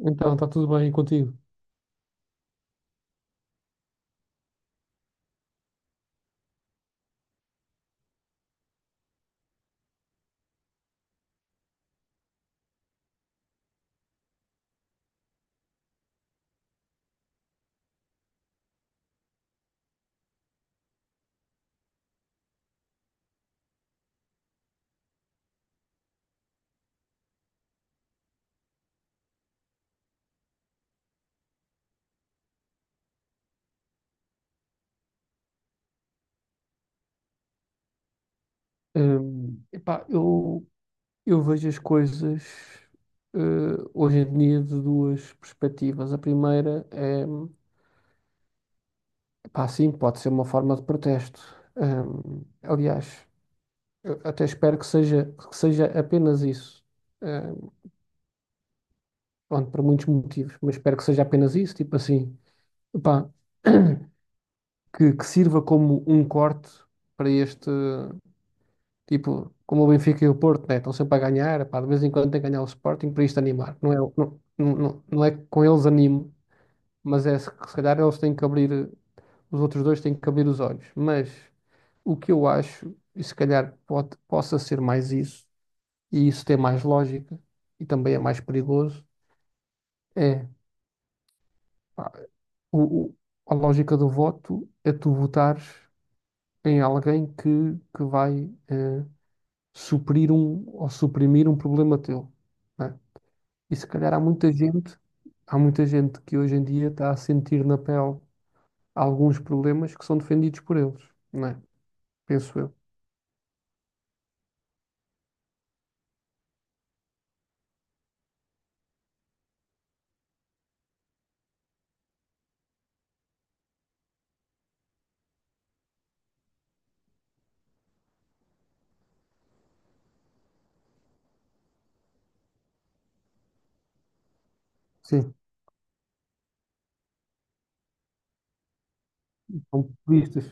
Então, está tudo bem contigo? Hum, epá, eu, eu vejo as coisas hoje em dia de duas perspectivas. A primeira é, epá, sim, pode ser uma forma de protesto. Aliás, eu até espero que seja apenas isso. Hum, Pronto, por muitos motivos, mas espero que seja apenas isso, tipo assim, epá, que sirva como um corte para este. Tipo, como o Benfica e o Porto, né? Estão sempre a ganhar, pá, de vez em quando tem que ganhar o Sporting para isto animar. Não é, não, não, não não é que com eles animo, mas é se calhar eles têm que abrir, os outros dois têm que abrir os olhos. Mas o que eu acho, e se calhar pode, possa ser mais isso, e isso tem mais lógica, e também é mais perigoso, é pá, o, o- a lógica do voto é tu votares em alguém que, que vai suprir um ou suprimir um problema teu. Né? E se calhar há muita gente que hoje em dia está a sentir na pele alguns problemas que são defendidos por eles, não é? Penso eu. Sim, são populistas.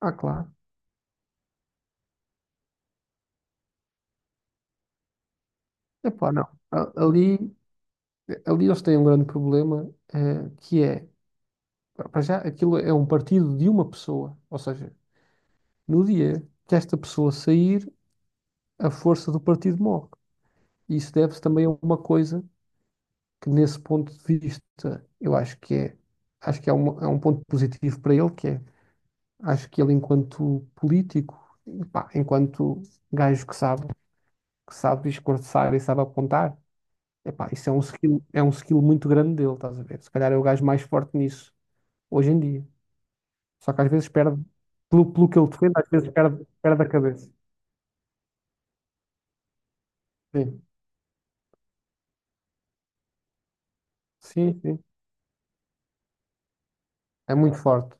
Ah, claro. Epá, não. A- Ali, ali eles têm um grande problema, que é, para já, aquilo é um partido de uma pessoa. Ou seja, no dia que esta pessoa sair, a força do partido morre. E isso deve-se também a uma coisa que, nesse ponto de vista, eu acho que é, é um ponto positivo para ele, que é. Acho que ele, enquanto político, pá, enquanto gajo que sabe, discursar e sabe apontar, epá, isso é um skill muito grande dele, estás a ver? Se calhar é o gajo mais forte nisso, hoje em dia. Só que às vezes perde, pelo que ele defende, às vezes perde a cabeça. Sim, sim, sim. É muito forte.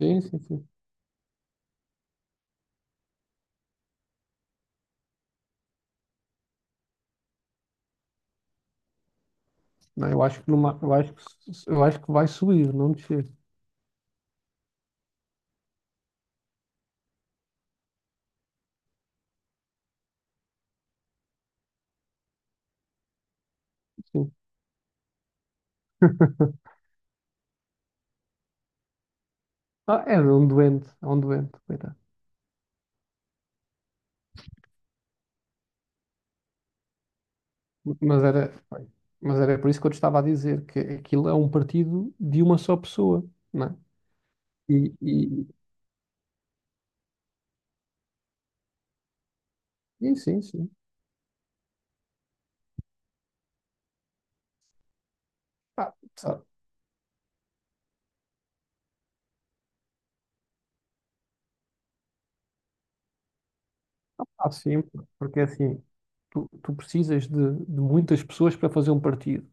Sim, sim, sim. Não, eu acho que numa, eu acho que, eu acho que vai subir, não descer. Sim. Ah, é um doente, é um doente, coitado. Mas era, mas era por isso que eu te estava a dizer que aquilo é um partido de uma só pessoa, não é? E, e, e sim, sim. Ah, sabe, há sempre, porque é assim, tu precisas de muitas pessoas para fazer um partido.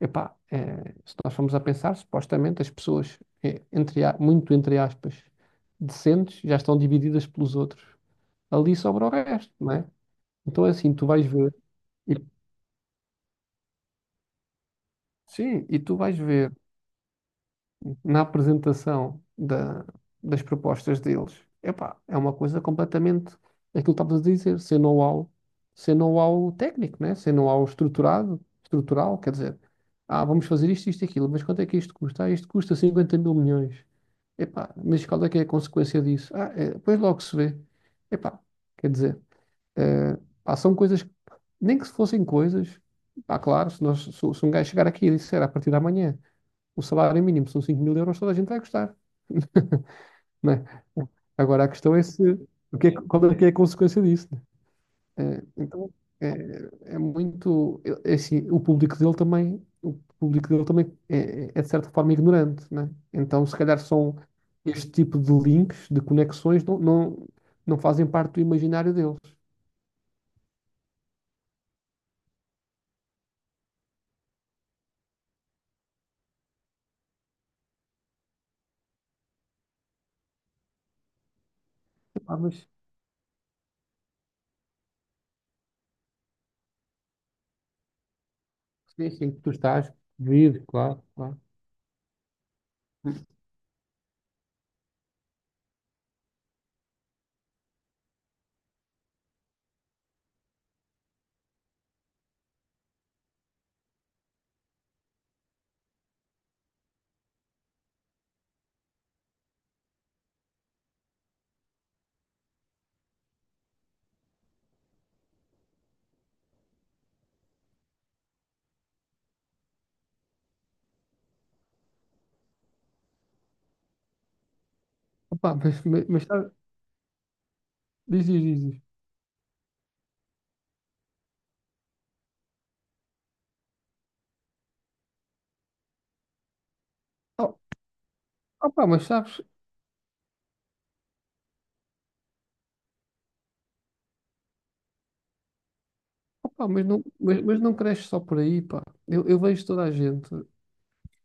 Epá, se nós formos a pensar, supostamente as pessoas, muito entre aspas, decentes, já estão divididas pelos outros. Ali sobra o resto, não é? Então é assim, tu vais ver, e- sim, e tu vais ver. Na apresentação das propostas deles, epá, é uma coisa completamente aquilo que estavas a dizer, sem know-how, técnico, né? Sem know-how estruturado, estrutural, quer dizer, ah, vamos fazer isto, isto, e aquilo, mas quanto é que isto custa? Ah, isto custa 50 mil milhões. Epá, mas qual é que é a consequência disso? Ah, é, depois logo se vê. Epá, quer dizer, eh, pá, são coisas, nem que se fossem coisas, pá, claro, se, nós, se um gajo chegar aqui e disser: "Ah, a partir de amanhã o salário mínimo são 5000 euros, toda a gente vai gostar, não é?" Agora a questão é se o que é, que- qual é que é a consequência disso, né? É. Então é, é assim, o público dele também. O público dele também é, de certa forma ignorante, né? Então se calhar são este tipo de links, de conexões não, não, não fazem parte do imaginário deles. Epá, mas sim, sim, tu estás, vive, claro, claro. Opa, mas diz, diz, diz. Diz. Oh, opa, mas sabes, opa, mas não cresce só por aí, pá. Eu vejo toda a gente.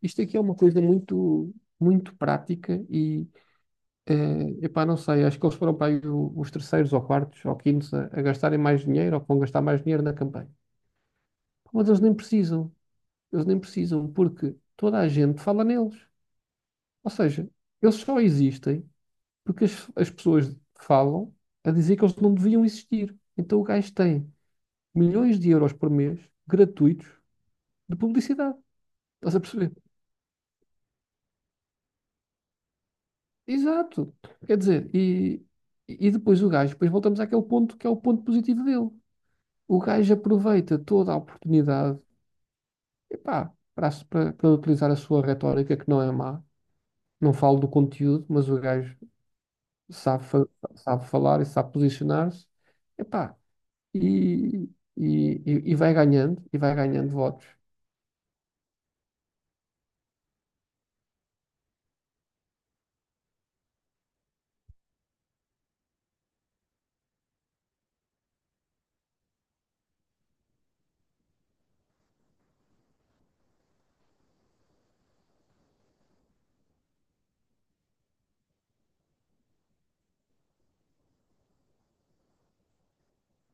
Isto aqui é uma coisa muito, muito prática e, epá, não sei, acho que eles foram para aí os terceiros ou quartos ou quintos a gastarem mais dinheiro ou que vão gastar mais dinheiro na campanha. Mas eles nem precisam. Eles nem precisam porque toda a gente fala neles. Ou seja, eles só existem porque as pessoas falam a dizer que eles não deviam existir. Então o gajo tem milhões de euros por mês gratuitos de publicidade. Estás a perceber? Exato. Quer dizer, e depois o gajo, depois voltamos àquele ponto que é o ponto positivo dele. O gajo aproveita toda a oportunidade, epá, para utilizar a sua retórica, que não é má. Não falo do conteúdo, mas o gajo sabe, fa- sabe falar e sabe posicionar-se. Epá, e, e, e vai ganhando, votos.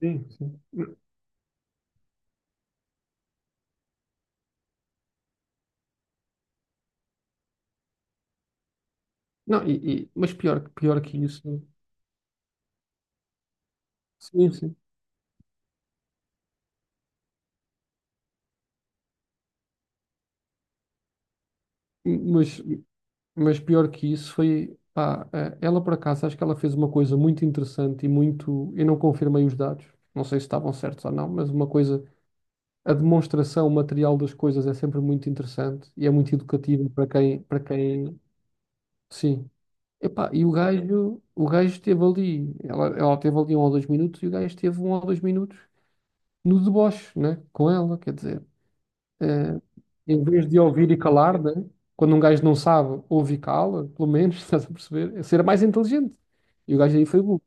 Sim, sim. Não, mas pior que isso. Sim, sim. Mas, Mas pior que isso foi, pá, ela por acaso, acho que ela fez uma coisa muito interessante e muito, eu não confirmei os dados, não sei se estavam certos ou não, mas uma coisa, a demonstração o material das coisas é sempre muito interessante e é muito educativo para quem, sim. Epá, e o gajo esteve ali, ela esteve ali 1 ou 2 minutos e o gajo esteve 1 ou 2 minutos no deboche, né, com ela, quer dizer. Eh, Em vez de ouvir e calar, né? Quando um gajo não sabe, ouve e cala, pelo menos, estás a perceber? É. Ser mais inteligente. E o gajo aí foi burro,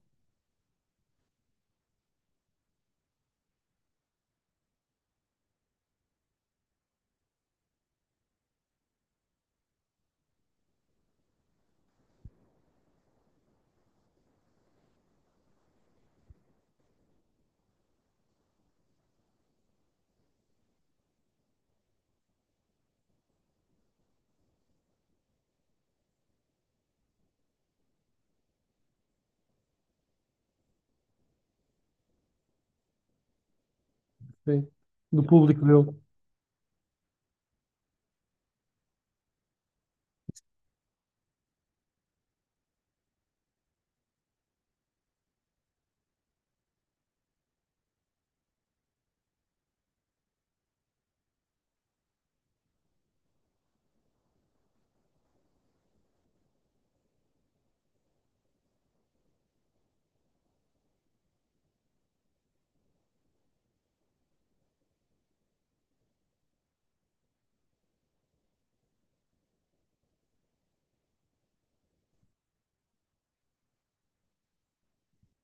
sim. Do público dele.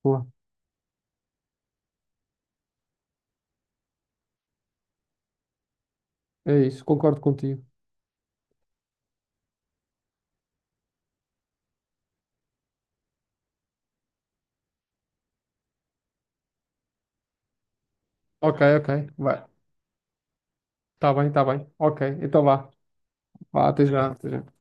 Boa. É isso, concordo contigo. Ok, ok, vai. Tá bem, tá bem. Ok, então vá. Vá, até já, até já.